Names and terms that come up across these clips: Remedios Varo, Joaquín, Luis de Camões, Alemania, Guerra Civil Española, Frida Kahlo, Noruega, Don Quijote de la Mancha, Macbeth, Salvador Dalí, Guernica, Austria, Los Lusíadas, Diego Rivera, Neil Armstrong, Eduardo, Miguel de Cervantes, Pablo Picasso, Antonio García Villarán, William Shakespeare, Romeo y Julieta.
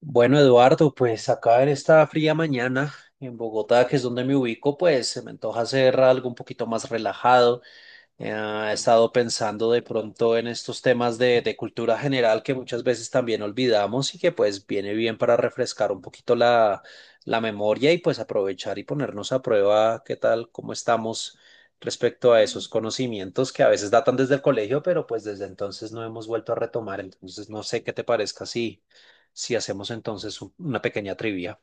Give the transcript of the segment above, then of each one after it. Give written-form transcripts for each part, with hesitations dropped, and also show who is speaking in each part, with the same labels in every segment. Speaker 1: Bueno, Eduardo, pues acá en esta fría mañana en Bogotá, que es donde me ubico, pues se me antoja hacer algo un poquito más relajado. Eh, he estado pensando de pronto en estos temas de cultura general que muchas veces también olvidamos y que pues viene bien para refrescar un poquito la memoria y pues aprovechar y ponernos a prueba qué tal, cómo estamos respecto a esos conocimientos que a veces datan desde el colegio, pero pues desde entonces no hemos vuelto a retomar. Entonces no sé qué te parezca si hacemos entonces una pequeña trivia.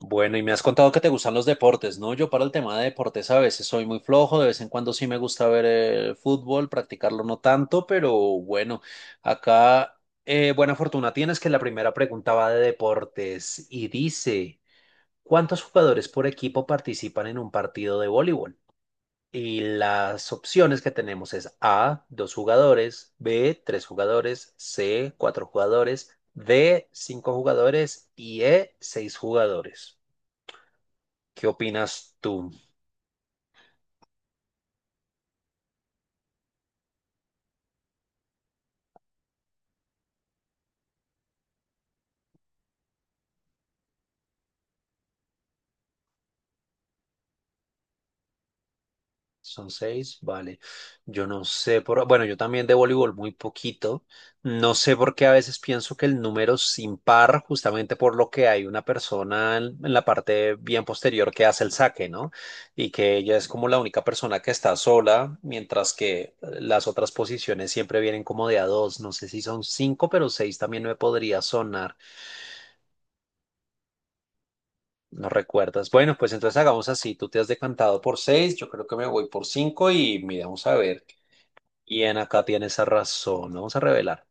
Speaker 1: Bueno, y me has contado que te gustan los deportes, ¿no? Yo para el tema de deportes a veces soy muy flojo, de vez en cuando sí me gusta ver el fútbol, practicarlo no tanto, pero bueno, acá buena fortuna tienes que la primera pregunta va de deportes y dice, ¿cuántos jugadores por equipo participan en un partido de voleibol? Y las opciones que tenemos es A, dos jugadores; B, tres jugadores; C, cuatro jugadores; D, cinco jugadores y E, seis jugadores. ¿Qué opinas tú? Son seis, vale. Yo no sé por, bueno, yo también de voleibol muy poquito. No sé por qué a veces pienso que el número es impar, justamente por lo que hay una persona en la parte bien posterior que hace el saque, ¿no? Y que ella es como la única persona que está sola, mientras que las otras posiciones siempre vienen como de a dos. No sé si son cinco, pero seis también me podría sonar. No recuerdas. Bueno, pues entonces hagamos así. Tú te has decantado por seis, yo creo que me voy por cinco y miramos a ver quién acá tiene esa razón. Vamos a revelar.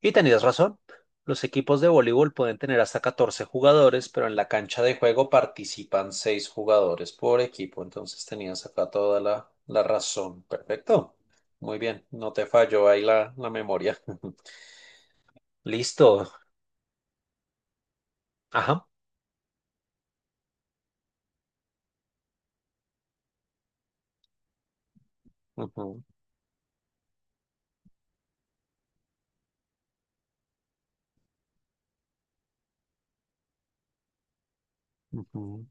Speaker 1: Y tenías razón. Los equipos de voleibol pueden tener hasta 14 jugadores, pero en la cancha de juego participan seis jugadores por equipo. Entonces tenías acá toda la razón. Perfecto. Muy bien. No te falló ahí la memoria. Listo. Ajá. Ujú, ujú.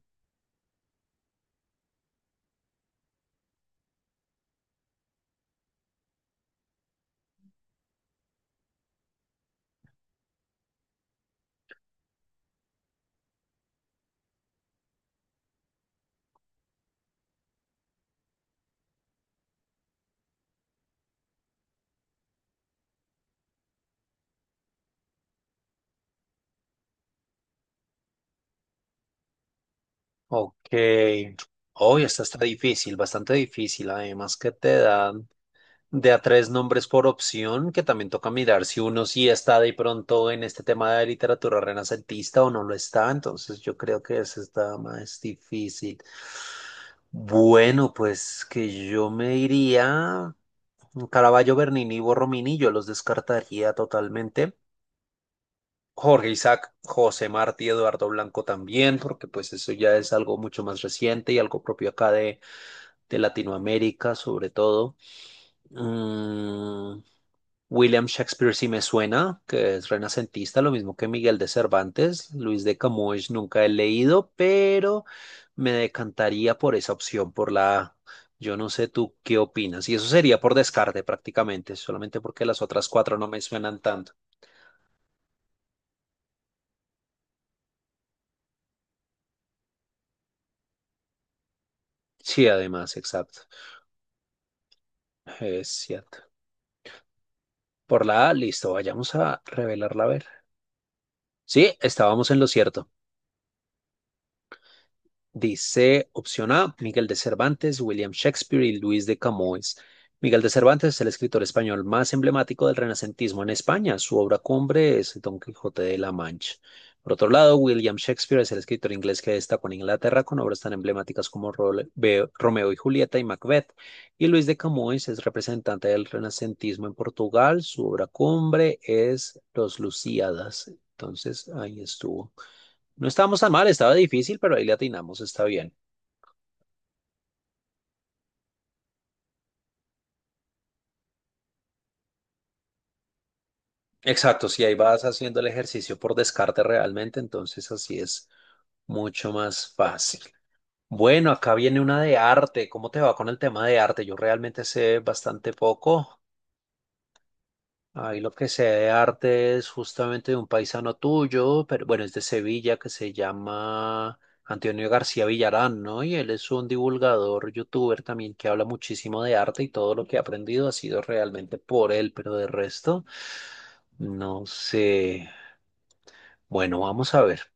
Speaker 1: Ok. Hoy esta está difícil, bastante difícil. Además que te dan de a tres nombres por opción, que también toca mirar si uno sí está de pronto en este tema de literatura renacentista o no lo está. Entonces yo creo que esa está más difícil. Bueno, pues que yo me iría Caravaggio, Bernini y Borromini, yo los descartaría totalmente. Jorge Isaac, José Martí, Eduardo Blanco también, porque pues eso ya es algo mucho más reciente y algo propio acá de Latinoamérica, sobre todo. Mm, William Shakespeare sí me suena, que es renacentista, lo mismo que Miguel de Cervantes. Luis de Camões nunca he leído, pero me decantaría por esa opción, por la A. Yo no sé tú qué opinas. Y eso sería por descarte prácticamente, solamente porque las otras cuatro no me suenan tanto. Sí, además, exacto. Es cierto. Por la A, listo, vayamos a revelarla a ver. Sí, estábamos en lo cierto. Dice opción A, Miguel de Cervantes, William Shakespeare y Luis de Camões. Miguel de Cervantes es el escritor español más emblemático del renacentismo en España. Su obra cumbre es Don Quijote de la Mancha. Por otro lado, William Shakespeare es el escritor inglés que destacó en Inglaterra con obras tan emblemáticas como Romeo y Julieta y Macbeth. Y Luis de Camões es representante del renacentismo en Portugal. Su obra cumbre es Los Lusíadas. Entonces, ahí estuvo. No estábamos tan mal, estaba difícil, pero ahí le atinamos, está bien. Exacto, si ahí vas haciendo el ejercicio por descarte realmente, entonces así es mucho más fácil. Bueno, acá viene una de arte. ¿Cómo te va con el tema de arte? Yo realmente sé bastante poco. Ahí lo que sé de arte es justamente de un paisano tuyo, pero bueno, es de Sevilla, que se llama Antonio García Villarán, ¿no? Y él es un divulgador, youtuber también que habla muchísimo de arte y todo lo que he aprendido ha sido realmente por él, pero de resto, no sé. Bueno, vamos a ver,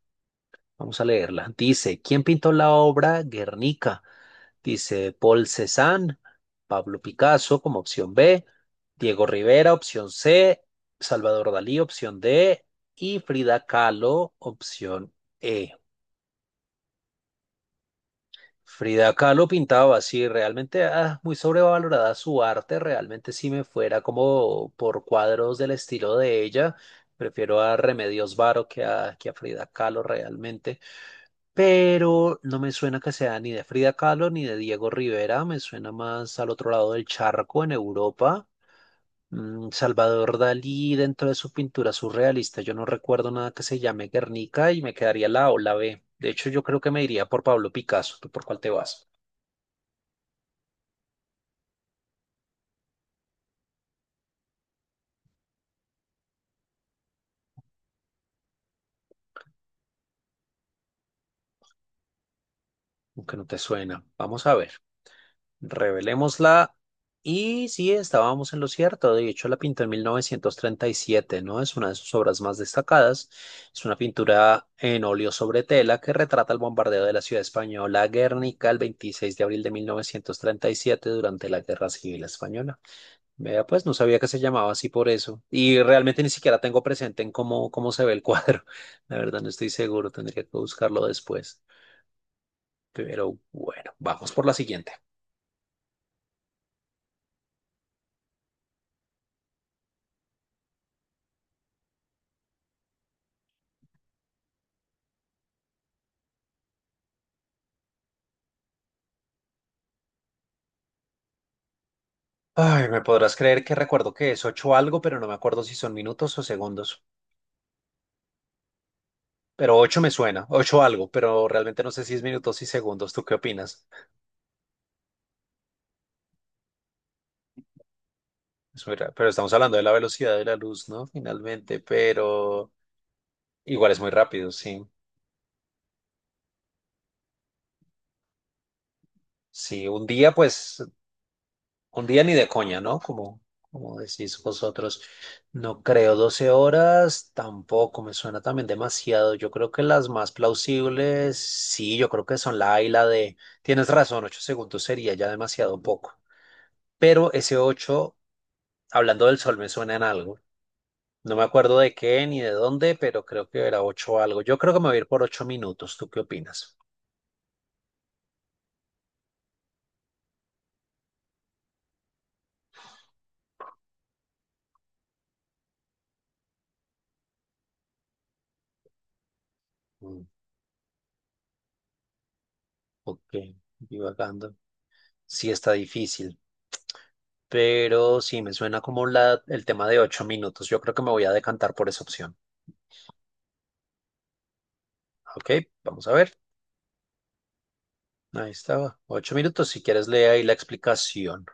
Speaker 1: vamos a leerla. Dice, ¿quién pintó la obra Guernica? Dice Paul Cézanne, Pablo Picasso como opción B, Diego Rivera opción C, Salvador Dalí opción D y Frida Kahlo opción E. Frida Kahlo pintaba así, realmente muy sobrevalorada su arte, realmente si me fuera como por cuadros del estilo de ella, prefiero a Remedios Varo que a Frida Kahlo realmente. Pero no me suena que sea ni de Frida Kahlo ni de Diego Rivera, me suena más al otro lado del charco, en Europa. Salvador Dalí, dentro de su pintura surrealista, yo no recuerdo nada que se llame Guernica y me quedaría la A o, la B. De hecho, yo creo que me iría por Pablo Picasso. ¿Tú por cuál te vas? Aunque no te suena. Vamos a ver. Revelémosla. Y sí, estábamos en lo cierto. De hecho, la pintó en 1937, ¿no? Es una de sus obras más destacadas. Es una pintura en óleo sobre tela que retrata el bombardeo de la ciudad española Guernica el 26 de abril de 1937 durante la Guerra Civil Española. Vea, pues no sabía que se llamaba así por eso. Y realmente ni siquiera tengo presente en cómo se ve el cuadro. La verdad, no estoy seguro. Tendría que buscarlo después. Pero bueno, vamos por la siguiente. Ay, me podrás creer que recuerdo que es ocho algo, pero no me acuerdo si son minutos o segundos. Pero ocho me suena, ocho algo, pero realmente no sé si es minutos y segundos. ¿Tú qué opinas? Pero estamos hablando de la velocidad de la luz, ¿no? Finalmente, pero igual es muy rápido, sí. Sí, un día, pues. Un día ni de coña, ¿no? Como decís vosotros. No creo 12 horas, tampoco me suena también demasiado. Yo creo que las más plausibles, sí, yo creo que son la A y la D. Tienes razón, 8 segundos sería ya demasiado poco. Pero ese 8, hablando del sol, me suena en algo. No me acuerdo de qué ni de dónde, pero creo que era 8 algo. Yo creo que me voy a ir por 8 minutos. ¿Tú qué opinas? Mm, ok, divagando. Sí, está difícil. Pero sí me suena como el tema de 8 minutos. Yo creo que me voy a decantar por esa opción. Ok, vamos a ver. Ahí estaba. 8 minutos. Si quieres, lee ahí la explicación.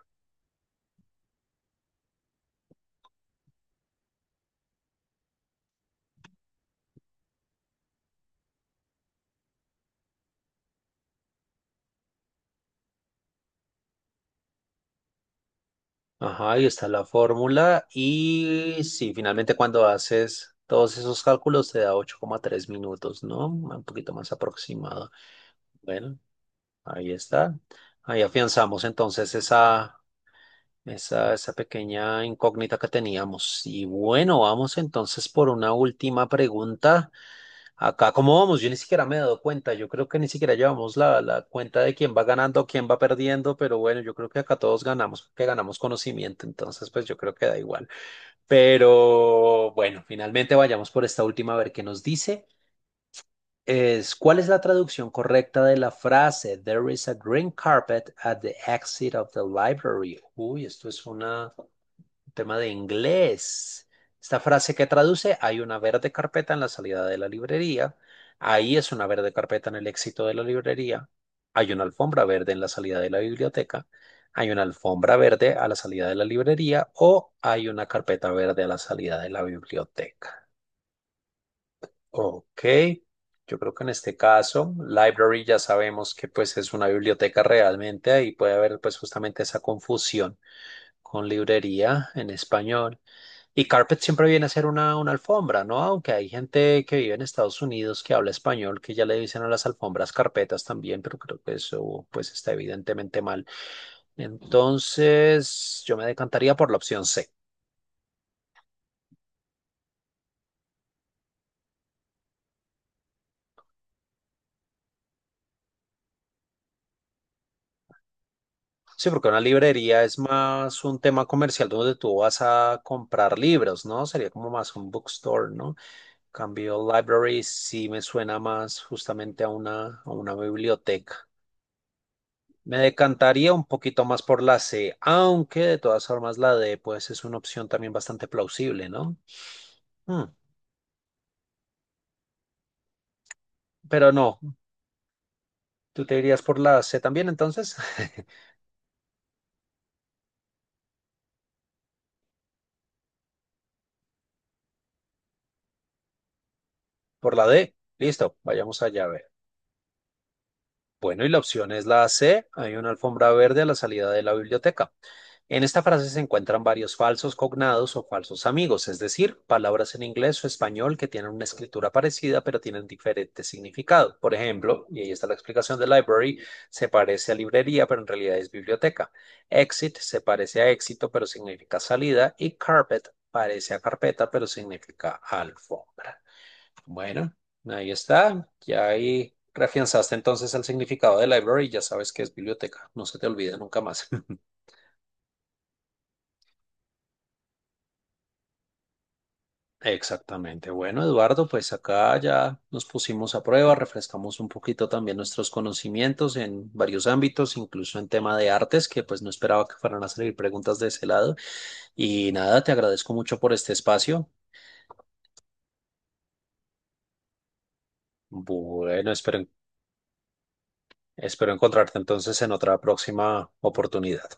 Speaker 1: Ajá, ahí está la fórmula. Y sí, finalmente cuando haces todos esos cálculos te da 8,3 minutos, ¿no? Un poquito más aproximado. Bueno, ahí está. Ahí afianzamos entonces esa pequeña incógnita que teníamos. Y bueno, vamos entonces por una última pregunta. Acá, ¿cómo vamos? Yo ni siquiera me he dado cuenta. Yo creo que ni siquiera llevamos la cuenta de quién va ganando, quién va perdiendo, pero bueno, yo creo que acá todos ganamos, que ganamos conocimiento, entonces pues yo creo que da igual. Pero bueno, finalmente vayamos por esta última a ver qué nos dice. ¿Cuál es la traducción correcta de la frase There is a green carpet at the exit of the library? Uy, esto es una. Tema de inglés. Esta frase que traduce, hay una verde carpeta en la salida de la librería. Ahí es una verde carpeta en el éxito de la librería. Hay una alfombra verde en la salida de la biblioteca. Hay una alfombra verde a la salida de la librería o hay una carpeta verde a la salida de la biblioteca. Ok, yo creo que en este caso, library ya sabemos que pues es una biblioteca realmente, ahí puede haber pues justamente esa confusión con librería en español. Y carpet siempre viene a ser una alfombra, ¿no? Aunque hay gente que vive en Estados Unidos que habla español, que ya le dicen a las alfombras carpetas también, pero creo que eso pues está evidentemente mal. Entonces, yo me decantaría por la opción C. Sí, porque una librería es más un tema comercial donde tú vas a comprar libros, ¿no? Sería como más un bookstore, ¿no? En cambio library sí me suena más justamente a una, biblioteca. Me decantaría un poquito más por la C, aunque de todas formas la D pues es una opción también bastante plausible, ¿no? Hmm. Pero no, tú te irías por la C también entonces, por la D. Listo, vayamos allá a ver. Bueno, y la opción es la C. Hay una alfombra verde a la salida de la biblioteca. En esta frase se encuentran varios falsos cognados o falsos amigos, es decir, palabras en inglés o español que tienen una escritura parecida pero tienen diferente significado. Por ejemplo, y ahí está la explicación de library, se parece a librería pero en realidad es biblioteca. Exit se parece a éxito pero significa salida y carpet parece a carpeta pero significa alfombra. Bueno, ahí está. Ya ahí reafianzaste entonces el significado de library y ya sabes que es biblioteca. No se te olvide nunca más. Exactamente. Bueno, Eduardo, pues acá ya nos pusimos a prueba, refrescamos un poquito también nuestros conocimientos en varios ámbitos, incluso en tema de artes, que pues no esperaba que fueran a salir preguntas de ese lado. Y nada, te agradezco mucho por este espacio. Bueno, espero encontrarte entonces en otra próxima oportunidad.